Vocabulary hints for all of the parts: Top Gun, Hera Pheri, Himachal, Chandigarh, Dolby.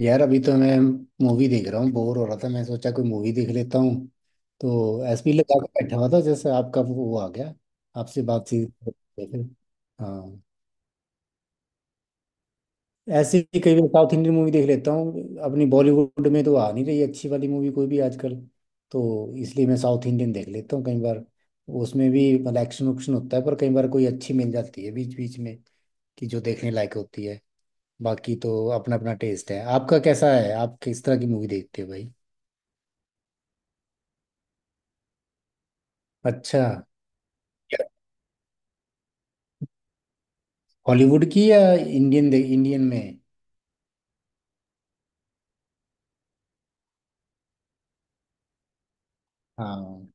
यार अभी तो मैं मूवी देख रहा हूँ। बोर हो रहा था मैं सोचा कोई मूवी देख लेता हूँ। तो ऐसे ही लगा के बैठा हुआ था जैसे आपका वो आ गया। आपसे बातचीत करते थे। हाँ। ऐसे ही कई बार साउथ इंडियन मूवी देख लेता हूँ। अपनी बॉलीवुड में तो आ नहीं रही अच्छी वाली मूवी कोई भी आजकल। तो इसलिए मैं साउथ इंडियन देख लेता हूँ कई बार। उसमें भी मतलब एक्शन उक्शन होता है पर कई बार कोई अच्छी मिल जाती है बीच बीच में कि जो देखने लायक होती है। बाकी तो अपना अपना टेस्ट है। आपका कैसा है, आप किस तरह की मूवी देखते हो भाई? अच्छा। हॉलीवुड की या इंडियन में? हाँ।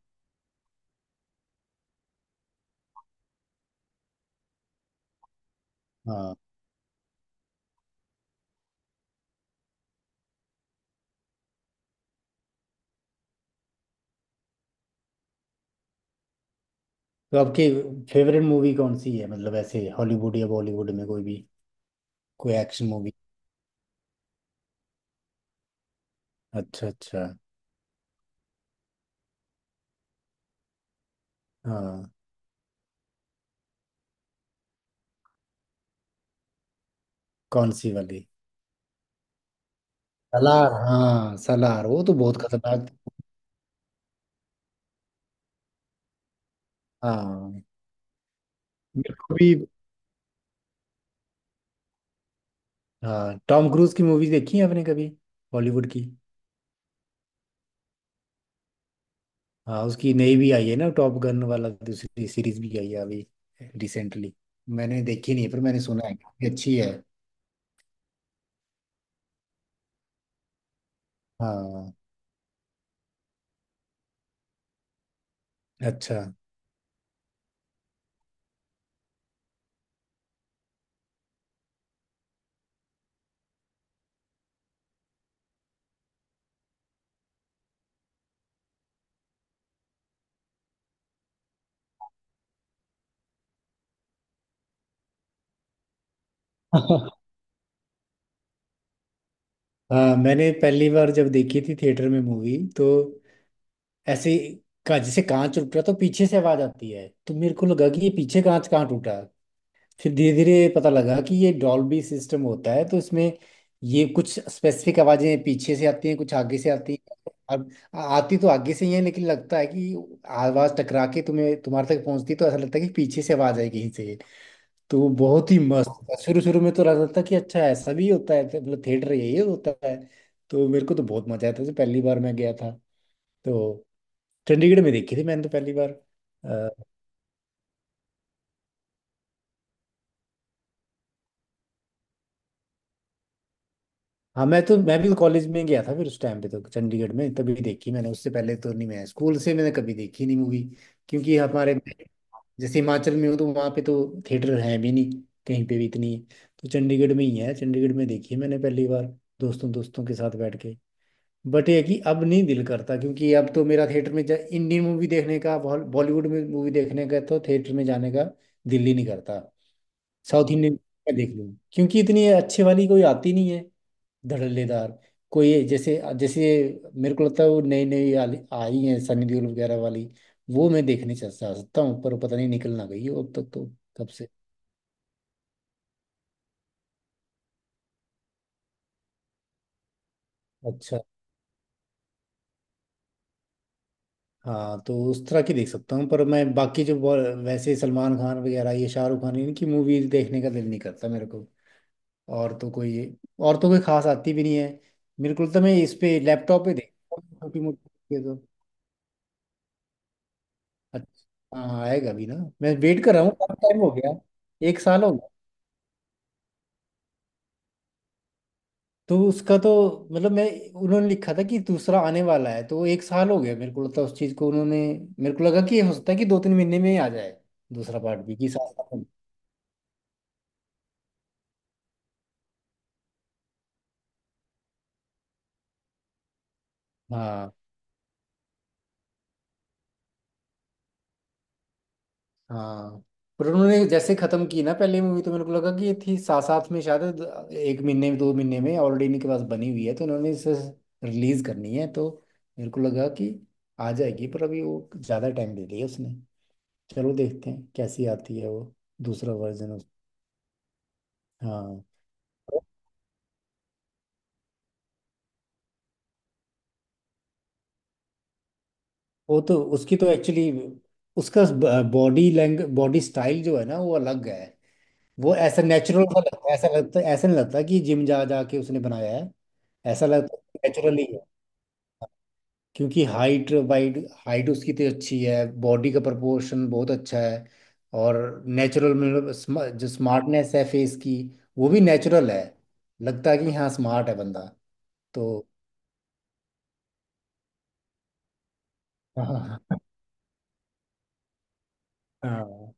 हाँ। तो आपकी फेवरेट मूवी कौन सी है, मतलब ऐसे हॉलीवुड या बॉलीवुड में कोई भी, कोई एक्शन मूवी? अच्छा, अच्छा। हाँ। कौन सी वाली? सलार, हाँ सलार वो तो बहुत खतरनाक। हाँ, मेरे को भी। हाँ, टॉम क्रूज की मूवीज देखी है आपने कभी, बॉलीवुड की? हाँ उसकी नई भी आई है ना, टॉप गन वाला दूसरी सीरीज भी आई है अभी रिसेंटली। मैंने देखी नहीं है, पर मैंने सुना है काफी अच्छी है। हाँ। अच्छा। हाँ मैंने पहली बार जब देखी थी थिएटर में मूवी तो ऐसे का जैसे कांच टूट रहा तो पीछे से आवाज आती है तो मेरे को लगा कि ये पीछे कांच कहाँ टूटा। फिर धीरे धीरे पता लगा कि ये डॉल्बी सिस्टम होता है तो इसमें ये कुछ स्पेसिफिक आवाजें पीछे से आती हैं, कुछ आगे से आती हैं। अब आती तो आगे से ही है लेकिन लगता है कि आवाज टकरा के तुम्हें तुम्हारे तक पहुंचती तो ऐसा लगता है कि पीछे से आवाज आई कहीं से। तो वो बहुत ही मस्त था, शुरू शुरू में तो लगता था कि अच्छा ऐसा भी होता है तो मतलब थिएटर यही होता है। तो मेरे को तो बहुत मजा आया था जब पहली बार मैं गया था। तो चंडीगढ़ में देखी थी मैंने तो पहली बार। आ, हाँ मैं भी तो कॉलेज में गया था फिर उस टाइम पे तो चंडीगढ़ में तभी देखी मैंने, उससे पहले तो नहीं। मैं स्कूल से मैंने कभी देखी नहीं मूवी क्योंकि हमारे जैसे हिमाचल में हो तो वहाँ पे तो थिएटर है भी नहीं कहीं पे भी इतनी। तो चंडीगढ़ में ही है, चंडीगढ़ में देखी है मैंने पहली बार, दोस्तों दोस्तों के साथ बैठ के। बट ये कि अब नहीं दिल करता क्योंकि अब तो मेरा थिएटर में इंडियन मूवी देखने का बॉलीवुड में मूवी देखने का तो थिएटर में जाने का दिल ही नहीं करता। साउथ इंडियन में देख लूँ क्योंकि इतनी अच्छे वाली कोई आती नहीं है धड़ल्लेदार कोई। जैसे जैसे मेरे को लगता है वो नई नई आई हैं सनी देओल वगैरह वाली, वो मैं देखने चल जा सकता हूँ पर पता नहीं निकल ना गई हो अब तक तो, कब से। अच्छा। हाँ तो उस तरह की देख सकता हूँ पर मैं बाकी जो वैसे सलमान खान वगैरह, ये शाहरुख खान, इनकी मूवीज देखने का दिल नहीं करता मेरे को। और तो कोई और तो कोई खास आती भी नहीं है। मेरे को तो मैं इस पे लैपटॉप पे देखता हूँ छोटी मोटी ये तो। अच्छा, हाँ आएगा भी ना। मैं वेट कर रहा हूँ, काफी टाइम हो गया। 1 साल हो गया तो उसका तो मतलब मैं, उन्होंने लिखा था कि दूसरा आने वाला है तो 1 साल हो गया मेरे को लगता है उस चीज़ को उन्होंने। मेरे को लगा कि हो सकता है कि 2-3 महीने में ही आ जाए दूसरा पार्ट भी कि साथ। हाँ। हाँ। पर उन्होंने जैसे खत्म की ना पहले मूवी तो मेरे को लगा कि ये थी साथ साथ में शायद, 1-2 महीने में ऑलरेडी इनके पास बनी हुई है तो उन्होंने इसे रिलीज करनी है तो मेरे को लगा कि आ जाएगी, पर अभी वो ज्यादा टाइम दे दिया उसने। चलो देखते हैं कैसी आती है वो दूसरा वर्जन उस। हाँ वो तो उसकी तो एक्चुअली, उसका बॉडी स्टाइल जो है ना वो अलग है। वो ऐसा नेचुरल सा लगता है, ऐसा लगता है, ऐसा नहीं लगता कि जिम जा जा के उसने बनाया है। ऐसा लगता है नेचुरली क्योंकि हाइट वाइट, हाइट उसकी तो अच्छी है, बॉडी का proportion बहुत अच्छा है। और नेचुरल मतलब जो स्मार्टनेस है फेस की वो भी नेचुरल है। लगता है कि हाँ, स्मार्ट है बंदा। तो। हाँ। हाँ।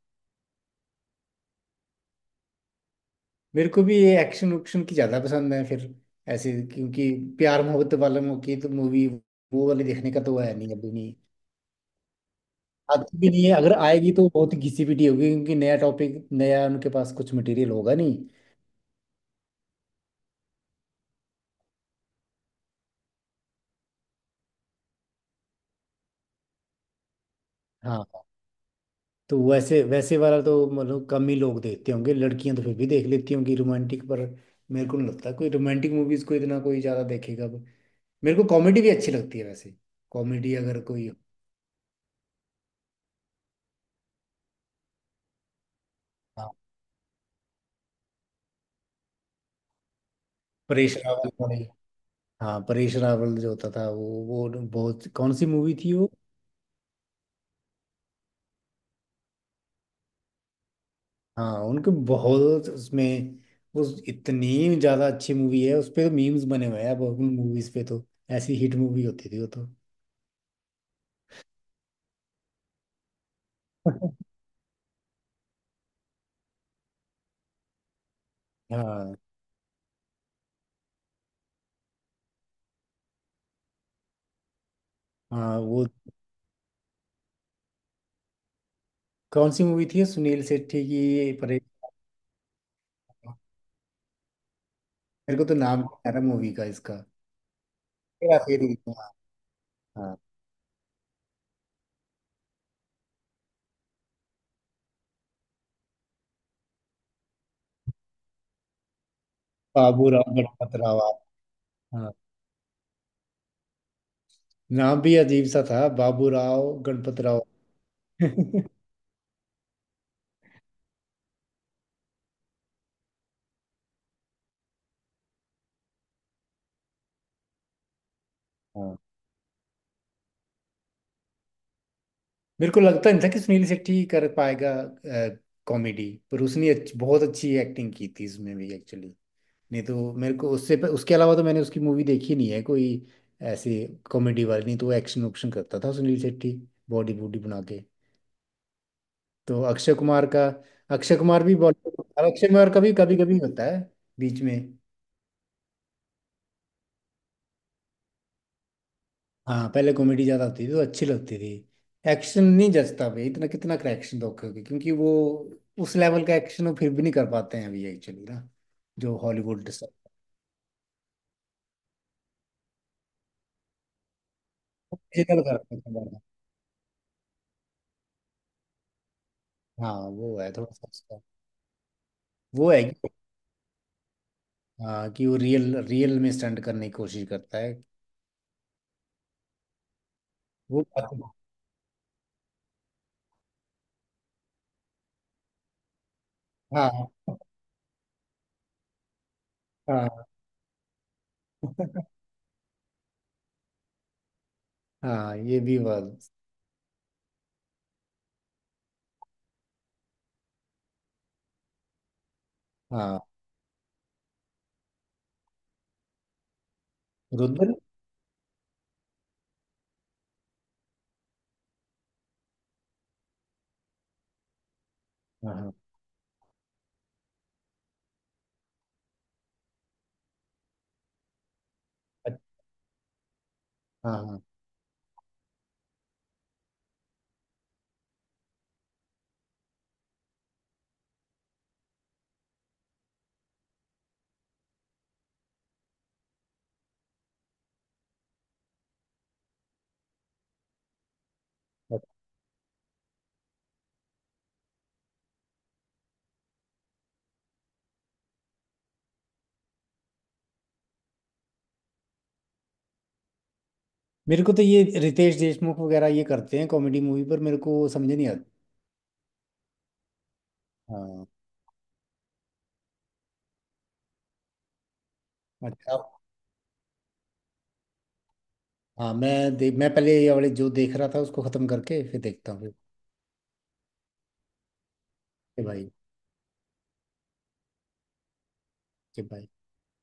मेरे को भी ये एक्शन उक्शन की ज़्यादा पसंद है फिर ऐसे, क्योंकि प्यार मोहब्बत वाले की तो मूवी, वो वाली देखने का तो है नहीं अभी, नहीं। आती भी नहीं है, अगर आएगी तो बहुत ही घिसी पिटी होगी क्योंकि नया टॉपिक, नया उनके पास कुछ मटेरियल होगा नहीं। हाँ। तो वैसे वैसे वाला तो मतलब कम ही लोग देखते होंगे। लड़कियां तो फिर भी देख लेती होंगी रोमांटिक, पर मेरे को नहीं लगता कोई रोमांटिक मूवीज को इतना कोई ज्यादा देखेगा अब। मेरे को कॉमेडी भी अच्छी लगती है वैसे, कॉमेडी अगर कोई। हाँ, परेश रावल वाली। हाँ परेश रावल जो होता था वो बहुत, कौन सी मूवी थी वो? हाँ उनके बहुत उसमें उस, इतनी ज्यादा अच्छी मूवी है, उस पे तो मीम्स बने हुए हैं अब उन मूवीज पे तो। ऐसी हिट मूवी होती थी वो तो। हाँ। हाँ वो कौन सी मूवी थी ये? सुनील शेट्टी की परे। मेरे को तो नाम नहीं आ रहा मूवी का इसका। हेरा फेरी, हाँ। हाँ। बाबू राव गणपत राव। हाँ, नाम भी अजीब सा था, बाबू राव गणपत राव। हाँ मेरे को लगता नहीं था कि सुनील शेट्टी कर पाएगा कॉमेडी, पर उसने बहुत अच्छी एक्टिंग की थी इसमें भी एक्चुअली। नहीं तो मेरे को उससे उसके अलावा तो मैंने उसकी मूवी देखी नहीं है कोई ऐसे कॉमेडी वाली। नहीं तो एक्शन ऑप्शन करता था सुनील शेट्टी बॉडी बूडी बना के। तो अक्षय कुमार भी बॉलीवुड, अब अक्षय कुमार का भी कभी कभी होता है बीच में। हाँ पहले कॉमेडी ज्यादा होती थी तो अच्छी लगती थी। एक्शन नहीं जचता भाई, इतना कितना का एक्शन दोगे, क्योंकि वो उस लेवल का एक्शन वो फिर भी नहीं कर पाते हैं अभी एक्चुअली ना, जो हॉलीवुड सब डिजिटल करते हैं बड़ा। हाँ वो है थोड़ा सा उसका। वो है कि हाँ कि वो रियल रियल में स्टंट करने की कोशिश करता है। वो। हाँ। हाँ। हाँ, ये भी बात। हाँ। रुद्र। हाँ। हाँ। हाँ। हाँ। बट मेरे को तो ये रितेश देशमुख वगैरह ये करते हैं कॉमेडी मूवी पर मेरे को समझ नहीं आता। हाँ। अच्छा। हाँ मैं पहले ये वाले जो देख रहा था उसको खत्म करके फिर देखता हूँ फिर। के भाई। के भाई।